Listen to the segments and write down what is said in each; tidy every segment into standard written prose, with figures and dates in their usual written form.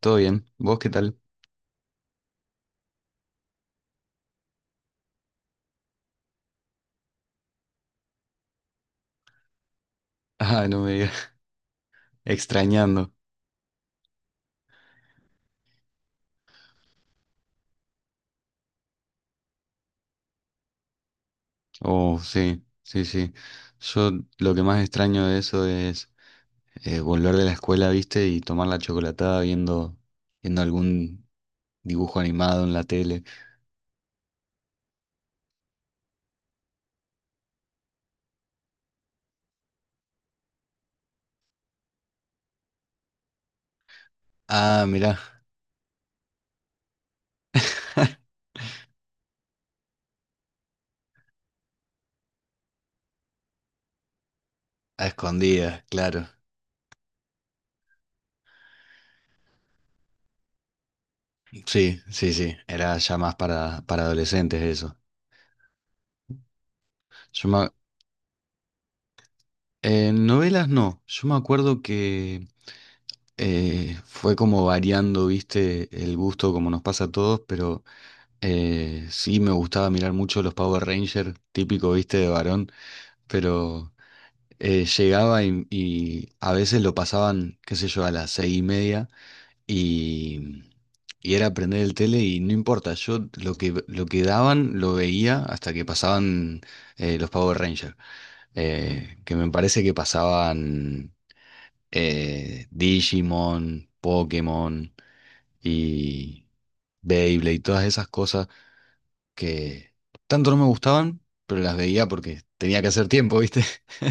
Todo bien. ¿Vos qué tal? Ah, no me digas. Extrañando. Oh, sí, sí, sí. Yo lo que más extraño de eso es volver de la escuela, ¿viste? Y tomar la chocolatada viendo algún dibujo animado en la tele. Ah, mirá, a escondidas, claro. Sí, sí, sí. Era ya más para adolescentes eso. Yo me- ac- novelas no. Yo me acuerdo que fue como variando, ¿viste? El gusto como nos pasa a todos, pero... sí, me gustaba mirar mucho los Power Rangers, típico, viste, de varón, pero llegaba y a veces lo pasaban, qué sé yo, a las 6:30 y, y era prender el tele y no importa, yo lo que daban lo veía hasta que pasaban los Power Rangers, que me parece que pasaban Digimon, Pokémon y Beyblade y todas esas cosas que tanto no me gustaban, pero las veía porque tenía que hacer tiempo, ¿viste?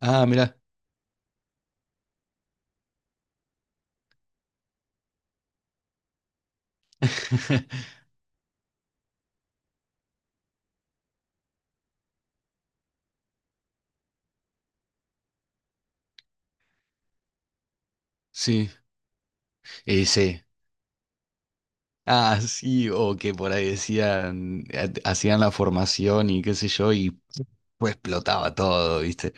Ah, mirá. Sí, sí. Ah, sí, o que por ahí decían, hacían la formación y qué sé yo, y pues explotaba todo, ¿viste?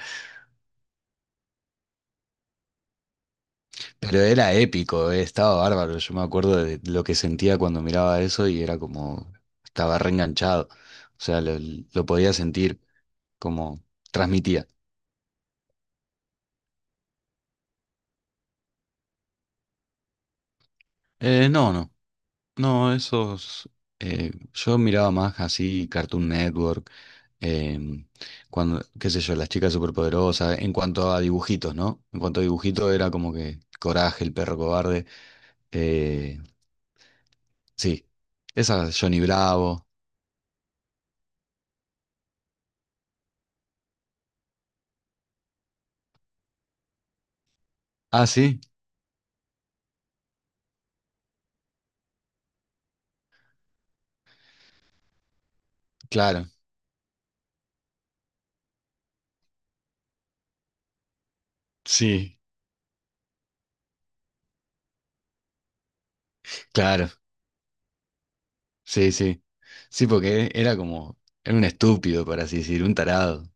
Pero era épico, estaba bárbaro. Yo me acuerdo de lo que sentía cuando miraba eso y era como, estaba reenganchado. O sea, lo podía sentir, como transmitía. No. No, esos. Yo miraba más así Cartoon Network, em, cuando, qué sé yo, las chicas superpoderosas, en cuanto a dibujitos, ¿no? En cuanto a dibujitos era como que Coraje, el perro cobarde. eh, sí, esa Johnny Bravo. Ah, sí, claro. Sí, claro. Sí, sí. Sí, porque era como, era un estúpido, por así decir, un tarado.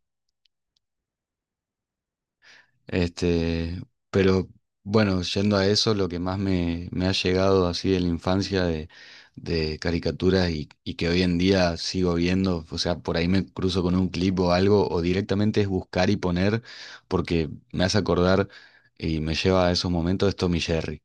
Este, pero bueno, yendo a eso, lo que más me ha llegado así de la infancia de caricaturas y que hoy en día sigo viendo, o sea, por ahí me cruzo con un clip o algo, o directamente es buscar y poner, porque me hace acordar y me lleva a esos momentos de Tom y Jerry.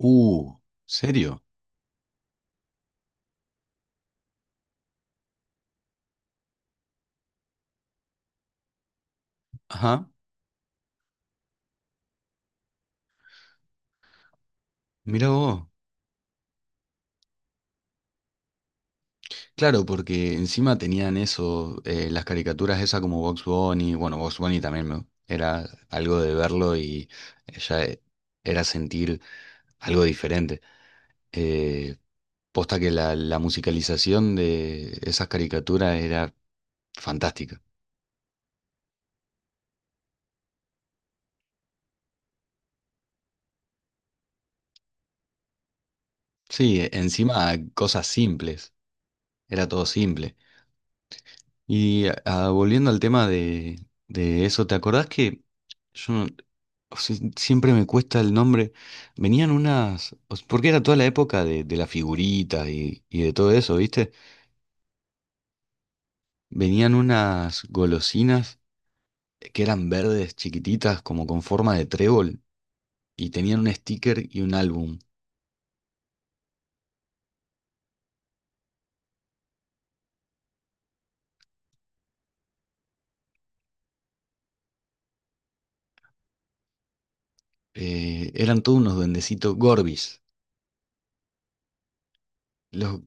Uh, ¿Serio? Ajá, mira vos. Claro, porque encima tenían eso, las caricaturas esas como Box Bunny, bueno, Box Bunny también era algo de verlo y ya e- era sentir algo diferente. Eh, posta que la musicalización de esas caricaturas era fantástica. Sí, encima cosas simples, era todo simple. Y ah, volviendo al tema de eso, ¿te acordás que yo no- o sea, siempre me cuesta el nombre. Venían unas, porque era toda la época de las figuritas y de todo eso, ¿viste? Venían unas golosinas que eran verdes, chiquititas, como con forma de trébol, y tenían un sticker y un álbum. Eran todos unos duendecitos Gorbis. Los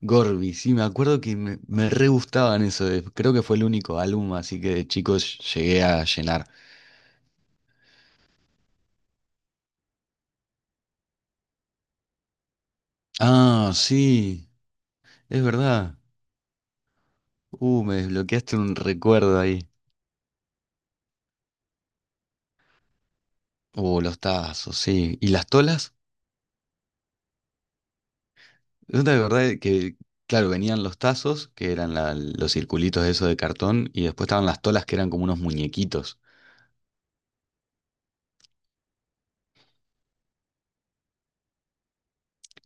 Gorbis, sí, me acuerdo que me re gustaban eso. Creo que fue el único álbum, así que de chicos llegué a llenar. Ah, sí, es verdad. Me desbloqueaste un recuerdo ahí. Los tazos, sí. ¿Y las tolas? Es de verdad que, claro, venían los tazos, que eran los circulitos esos de cartón, y después estaban las tolas, que eran como unos muñequitos.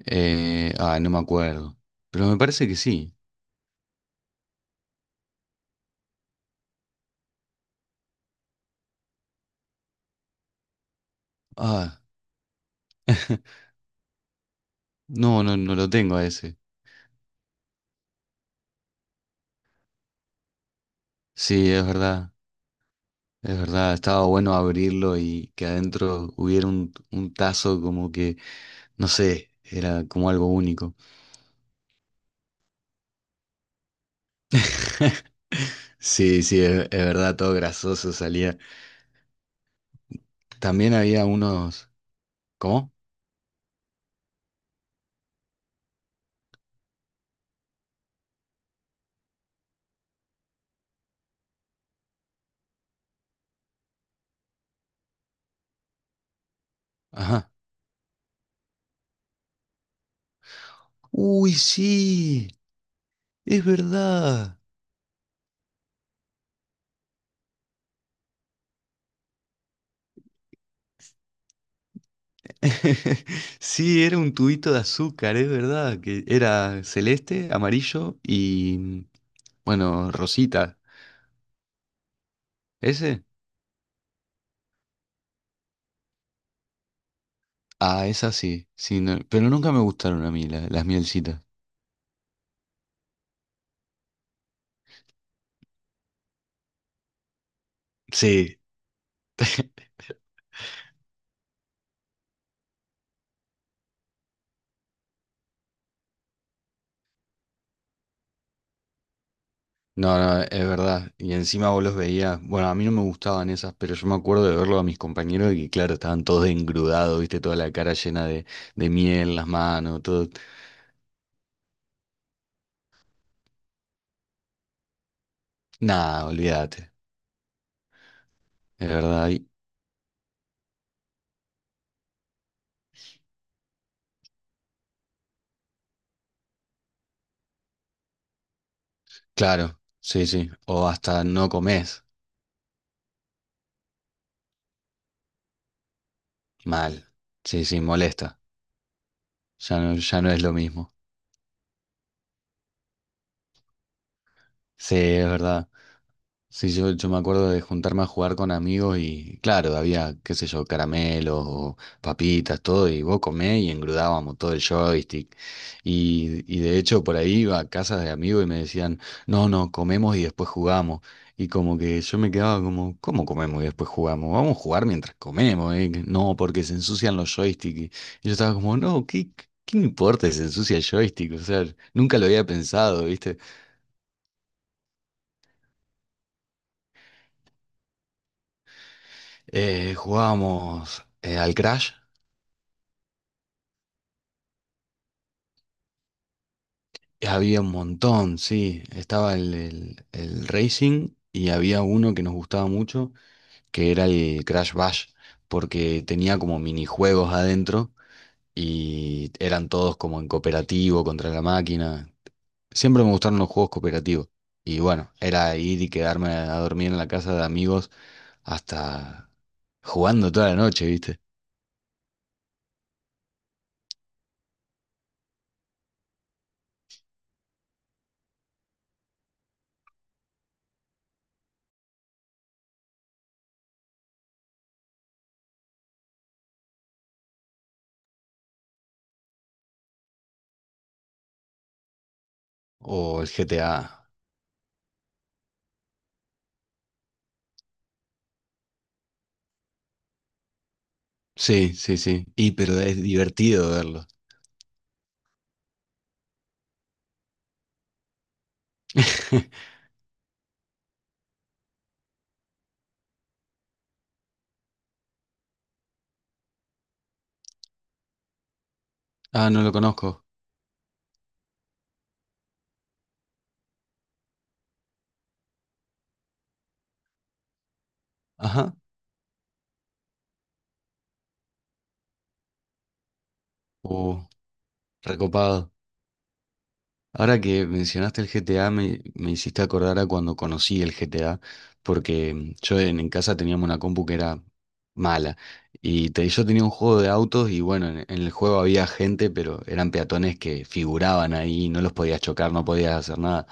No me acuerdo. Pero me parece que sí. Ah, no lo tengo a ese. Sí, es verdad, es verdad. Estaba bueno abrirlo y que adentro hubiera un tazo como que, no sé, era como algo único. Sí, sí, es verdad, todo grasoso salía. También había unos. ¿Cómo? Ajá. Uy, sí, es verdad. Sí, era un tubito de azúcar, es verdad, que era celeste, amarillo y, bueno, rosita. ¿Ese? Ah, esa sí, sí, no- pero nunca me gustaron a mí las mielcitas. Sí. No, no, es verdad. Y encima vos los veías. Bueno, a mí no me gustaban esas, pero yo me acuerdo de verlo a mis compañeros y que, claro, estaban todos engrudados, viste, toda la cara llena de miel, las manos, todo. Nada, olvídate. Es verdad, y- claro, sí, sí. O hasta no comes mal. Sí, sí, molesta. Ya no, ya no es lo mismo. Sí, es verdad. Sí, yo me acuerdo de juntarme a jugar con amigos y claro, había, qué sé yo, caramelos o papitas, todo, y vos comés y engrudábamos todo el joystick. Y de hecho por ahí iba a casas de amigos y me decían, no, no, comemos y después jugamos. Y como que yo me quedaba como, ¿cómo comemos y después jugamos? Vamos a jugar mientras comemos, ¿eh? No, porque se ensucian los joysticks. Y yo estaba como, no, ¿qué, qué me importa si se ensucia el joystick? O sea, nunca lo había pensado, ¿viste? Jugábamos al Crash. Había un montón, sí. Estaba el Racing y había uno que nos gustaba mucho, que era el Crash Bash, porque tenía como minijuegos adentro y eran todos como en cooperativo contra la máquina. Siempre me gustaron los juegos cooperativos. Y bueno, era ir y quedarme a dormir en la casa de amigos hasta jugando toda la noche, ¿viste? O el GTA. Sí, sí, sí. Y pero es divertido verlo. Ah, no lo conozco. Ajá. Oh, recopado. Ahora que mencionaste el GTA, me hiciste acordar a cuando conocí el GTA, porque yo en casa teníamos una compu que era mala. Yo tenía un juego de autos y bueno, en el juego había gente, pero eran peatones que figuraban ahí, no los podías chocar, no podías hacer nada.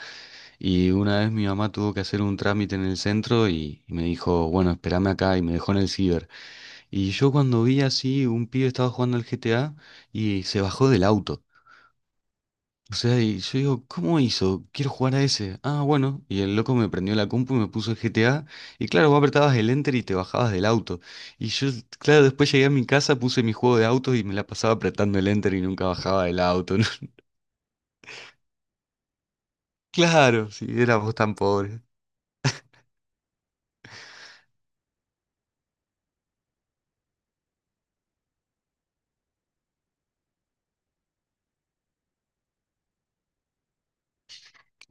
Y una vez mi mamá tuvo que hacer un trámite en el centro y me dijo, bueno, espérame acá y me dejó en el ciber. Y yo cuando vi así, un pibe estaba jugando al GTA y se bajó del auto. O sea, y yo digo, ¿cómo hizo? Quiero jugar a ese. Ah, bueno. Y el loco me prendió la compu y me puso el GTA. Y claro, vos apretabas el enter y te bajabas del auto. Y yo, claro, después llegué a mi casa, puse mi juego de autos y me la pasaba apretando el enter y nunca bajaba del auto, ¿no? Claro, si éramos tan pobres.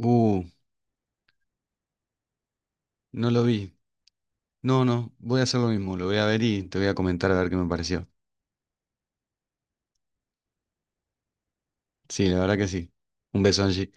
Uh, no lo vi. No, no, voy a hacer lo mismo. Lo voy a ver y te voy a comentar a ver qué me pareció. Sí, la verdad que sí. Un beso, Angie.